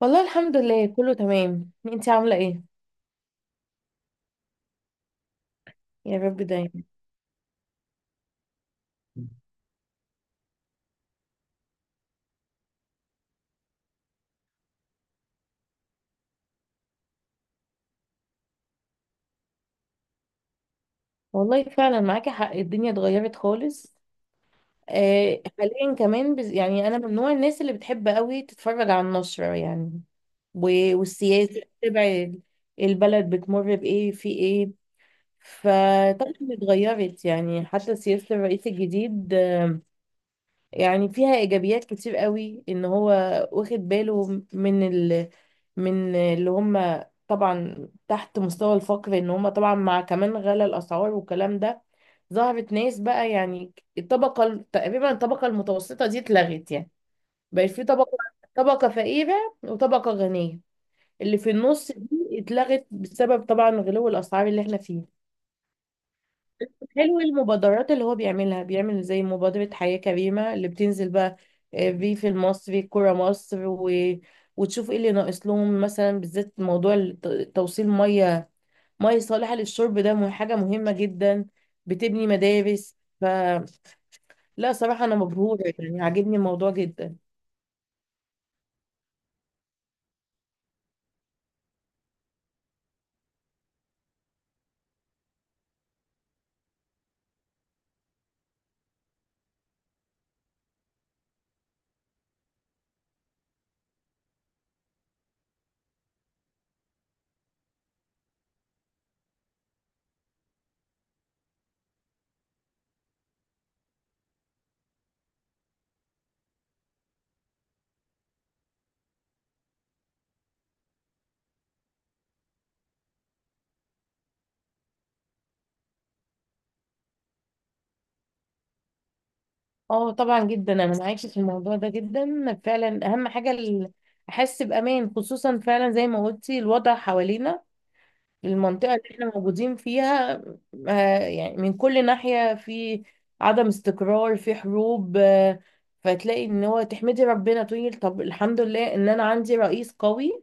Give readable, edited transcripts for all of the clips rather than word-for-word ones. والله الحمد لله، كله تمام. انتي عاملة ايه؟ يا رب دايما. والله فعلا معاكي حق، الدنيا اتغيرت خالص. آه، حاليا كمان يعني انا من نوع الناس اللي بتحب قوي تتفرج على النشرة يعني و... والسياسة، تتابع البلد بتمر بايه في ايه. فطبعا اتغيرت، يعني حتى سياسة الرئيس الجديد يعني فيها ايجابيات كتير قوي، ان هو واخد باله من ال... من اللي هم طبعا تحت مستوى الفقر، ان هم طبعا مع كمان غلا الاسعار والكلام ده. ظهرت ناس بقى، يعني الطبقه تقريبا الطبقه المتوسطه دي اتلغت، يعني بقت في طبقه، طبقه فقيره وطبقه غنيه. اللي في النص دي اتلغت بسبب طبعا غلو الاسعار اللي احنا فيه. حلو المبادرات اللي هو بيعملها، بيعمل زي مبادرة حياة كريمة اللي بتنزل بقى. آه، ريف المصري الكرة مصر وتشوف ايه اللي ناقص لهم، مثلا بالذات موضوع توصيل مية، مية صالحة للشرب، ده حاجة مهمة جدا. بتبني مدارس فلا، صراحة أنا مبهورة يعني، عاجبني الموضوع جدا. اه طبعا جدا، أنا معاكي في الموضوع ده جدا فعلا، أهم حاجة أحس بأمان، خصوصا فعلا زي ما قلتي الوضع حوالينا، المنطقة اللي احنا موجودين فيها، آه، يعني من كل ناحية في عدم استقرار، في حروب آه، فتلاقي ان هو تحمدي ربنا تقولي طب الحمد لله ان انا عندي رئيس قوي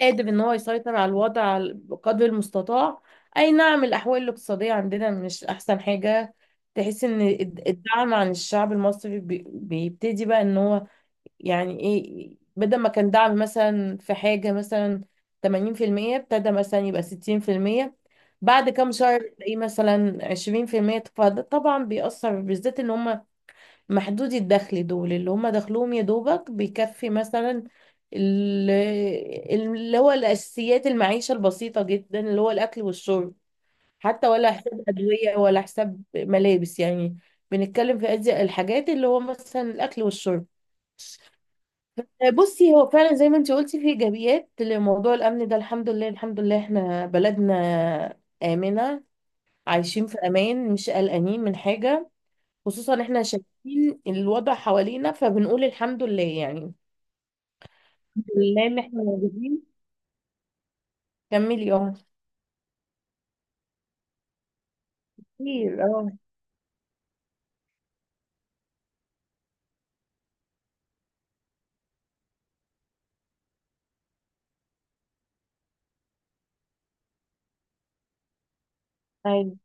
قادر ان هو يسيطر على الوضع بقدر المستطاع. اي نعم، الاحوال الاقتصادية عندنا مش احسن حاجة. تحس ان الدعم عن الشعب المصري بيبتدي بقى ان هو يعني ايه، بدل ما كان دعم مثلا في حاجة مثلا 80%، ابتدى مثلا يبقى 60%، بعد كام شهر تلاقيه مثلا 20%، فده طبعا بيأثر بالذات ان هم محدودي الدخل دول، اللي هم دخلهم يا دوبك بيكفي مثلا ال- اللي هو الأساسيات، المعيشة البسيطة جدا اللي هو الأكل والشرب، حتى ولا حساب أدوية ولا حساب ملابس يعني. بنتكلم في أدي الحاجات اللي هو مثلا الأكل والشرب. بصي، هو فعلا زي ما انت قلتي في ايجابيات لموضوع الامن ده. الحمد لله الحمد لله احنا بلدنا امنه، عايشين في امان، مش قلقانين من حاجه، خصوصا احنا شايفين الوضع حوالينا، فبنقول الحمد لله يعني. الحمد لله ان احنا موجودين. كملي. اه. كتير. اه. ايوه،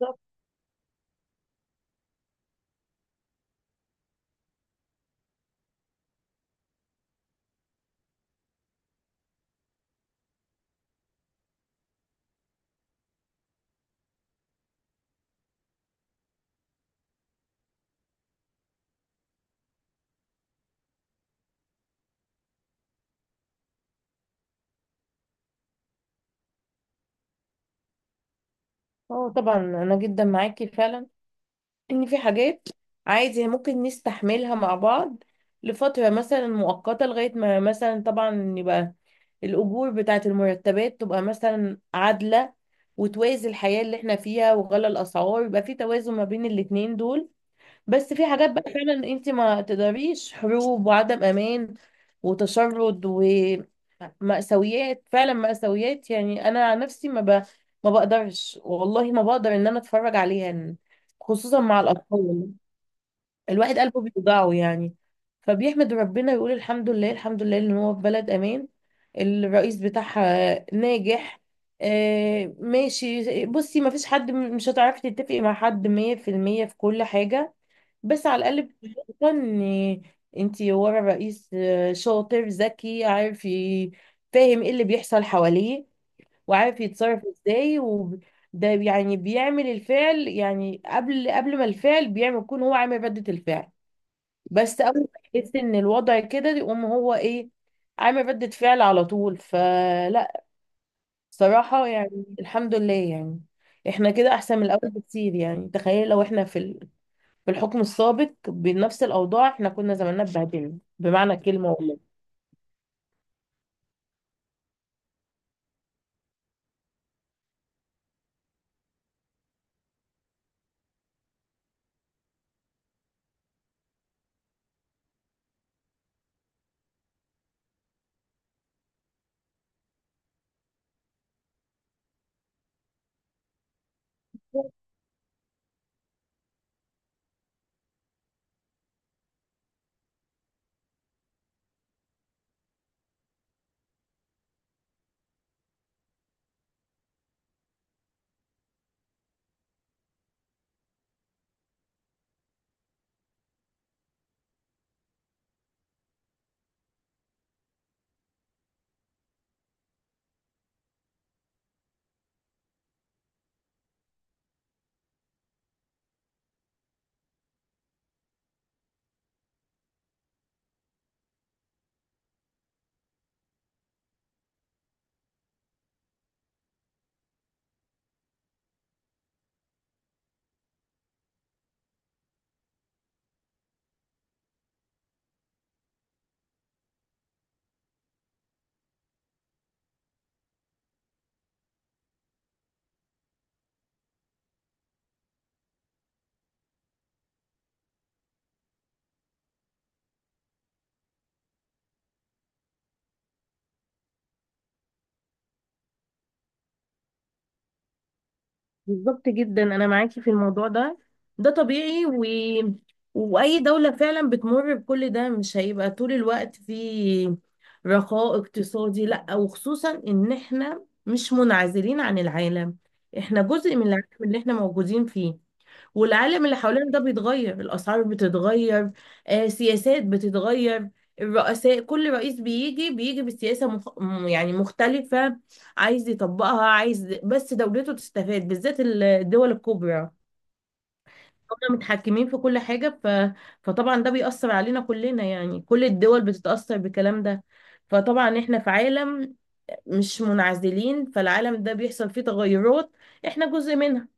بالظبط. اه طبعا، انا جدا معاكي فعلا، ان في حاجات عادي ممكن نستحملها مع بعض لفترة مثلا مؤقتة، لغاية ما مثلا طبعا يبقى الأجور بتاعة المرتبات تبقى مثلا عادلة وتوازي الحياة اللي احنا فيها، وغلى الأسعار يبقى في توازن ما بين الاتنين دول. بس في حاجات بقى فعلا انت ما تقدريش، حروب وعدم امان وتشرد ومأساويات، فعلا مأساويات، يعني انا عن نفسي ما بقدرش والله، ما بقدر ان انا اتفرج عليها، خصوصا مع الاطفال. الواحد قلبه بيوجعه يعني، فبيحمد ربنا يقول الحمد لله الحمد لله ان هو في بلد امان، الرئيس بتاعها ناجح. آه ماشي، بصي، ما فيش حد مش هتعرفي تتفقي مع حد مية في المية في كل حاجة، بس على الاقل بتبقى ان انتي ورا رئيس آه، شاطر ذكي، عارف فاهم ايه اللي بيحصل حواليه، وعارف يتصرف ازاي. وده يعني بيعمل الفعل، يعني قبل ما الفعل بيعمل يكون هو عامل ردة الفعل. بس اول ما يحس ان الوضع كده يقوم هو ايه، عامل ردة فعل على طول. فلا صراحة يعني الحمد لله يعني، احنا كده احسن من الاول بكتير يعني. تخيل لو احنا في الحكم السابق بنفس الأوضاع، احنا كنا زماننا اتبهدلنا بمعنى الكلمة والله. بالظبط جدا أنا معاكي في الموضوع ده، ده طبيعي وأي دولة فعلا بتمر بكل ده، مش هيبقى طول الوقت في رخاء اقتصادي، لأ، وخصوصا إن احنا مش منعزلين عن العالم، احنا جزء من العالم اللي احنا موجودين فيه. والعالم اللي حوالينا ده بيتغير، الأسعار بتتغير، آه، سياسات بتتغير، الرؤساء كل رئيس بيجي، بيجي بسياسة يعني مختلفة، عايز يطبقها، عايز بس دولته تستفاد، بالذات الدول الكبرى هم متحكمين في كل حاجة فطبعا ده بيأثر علينا كلنا يعني، كل الدول بتتأثر بالكلام ده. فطبعا احنا في عالم، مش منعزلين، فالعالم ده بيحصل فيه تغيرات، احنا جزء منها،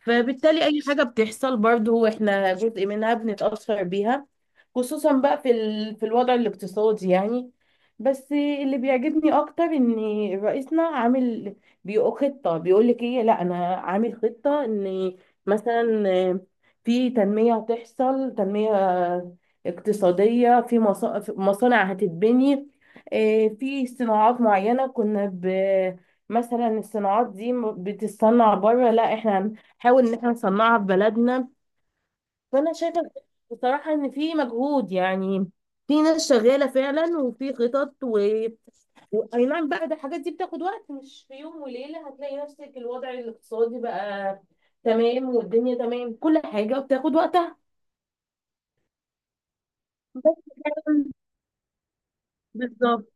فبالتالي اي حاجه بتحصل برضو احنا جزء منها، بنتاثر بيها، خصوصا بقى في الوضع الاقتصادي يعني. بس اللي بيعجبني اكتر ان رئيسنا عامل، بيقول خطه، بيقول لك ايه، لا انا عامل خطه ان مثلا في تنميه هتحصل، تنميه اقتصاديه، في في مصانع هتتبني، إيه، في صناعات معينه مثلا الصناعات دي بتتصنع بره، لا احنا نحاول ان احنا نصنعها في بلدنا. فانا شايفه بصراحه ان في مجهود يعني، في ناس شغاله فعلا وفي خطط اي نعم بقى، ده الحاجات دي بتاخد وقت، مش في يوم وليله هتلاقي نفسك الوضع الاقتصادي بقى تمام والدنيا تمام، كل حاجه بتاخد وقتها. بس، فعلاً، بالظبط.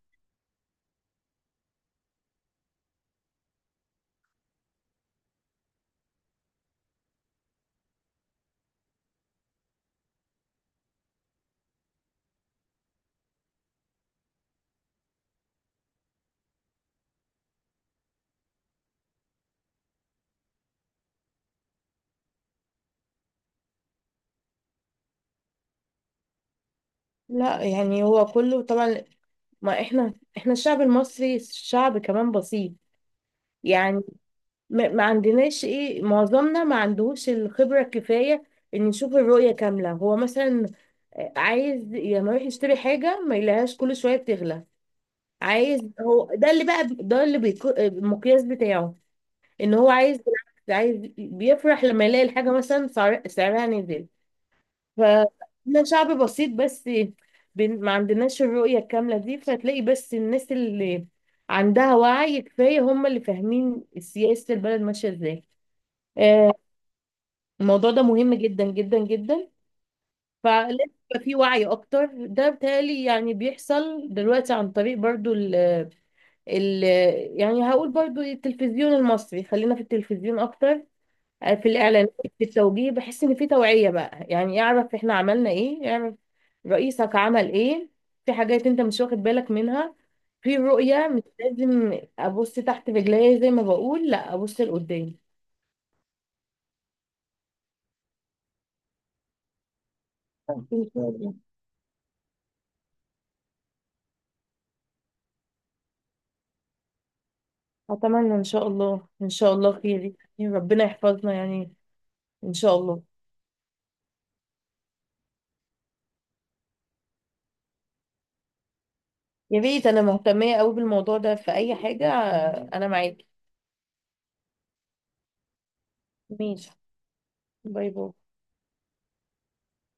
لا يعني هو كله طبعا، ما احنا الشعب المصري شعب كمان بسيط يعني، ما عندناش ايه، معظمنا ما عندهوش الخبرة الكفاية ان يشوف الرؤية كاملة. هو مثلا آه، عايز لما يروح يشتري حاجة ما يلاقيهاش كل شوية بتغلى، عايز هو، ده اللي بقى ده اللي بيكو آه، المقياس بتاعه ان هو عايز. بالعكس، عايز بيفرح لما يلاقي الحاجة مثلا سعرها نزل. فاحنا شعب بسيط، بس ما عندناش الرؤية الكاملة دي، فتلاقي بس الناس اللي عندها وعي كفاية هم اللي فاهمين سياسة البلد ماشية ازاي. آه، الموضوع ده مهم جدا جدا جدا، فلازم يبقى في وعي اكتر. ده بتهيألي يعني بيحصل دلوقتي عن طريق برضو ال يعني هقول برضو التلفزيون المصري، خلينا في التلفزيون اكتر. آه، في الاعلانات في التوجيه، بحس ان في توعية بقى يعني، اعرف احنا عملنا ايه، اعرف رئيسك عمل ايه، في حاجات انت مش واخد بالك منها، في رؤية، مش لازم ابص تحت رجليا زي ما بقول، لا ابص لقدام. أتمنى إن شاء الله، إن شاء الله خير يعني، ربنا يحفظنا يعني. إن شاء الله. يا ريت، أنا مهتمية أوي بالموضوع ده، في أي حاجة أنا معاكي. ماشي. باي باي.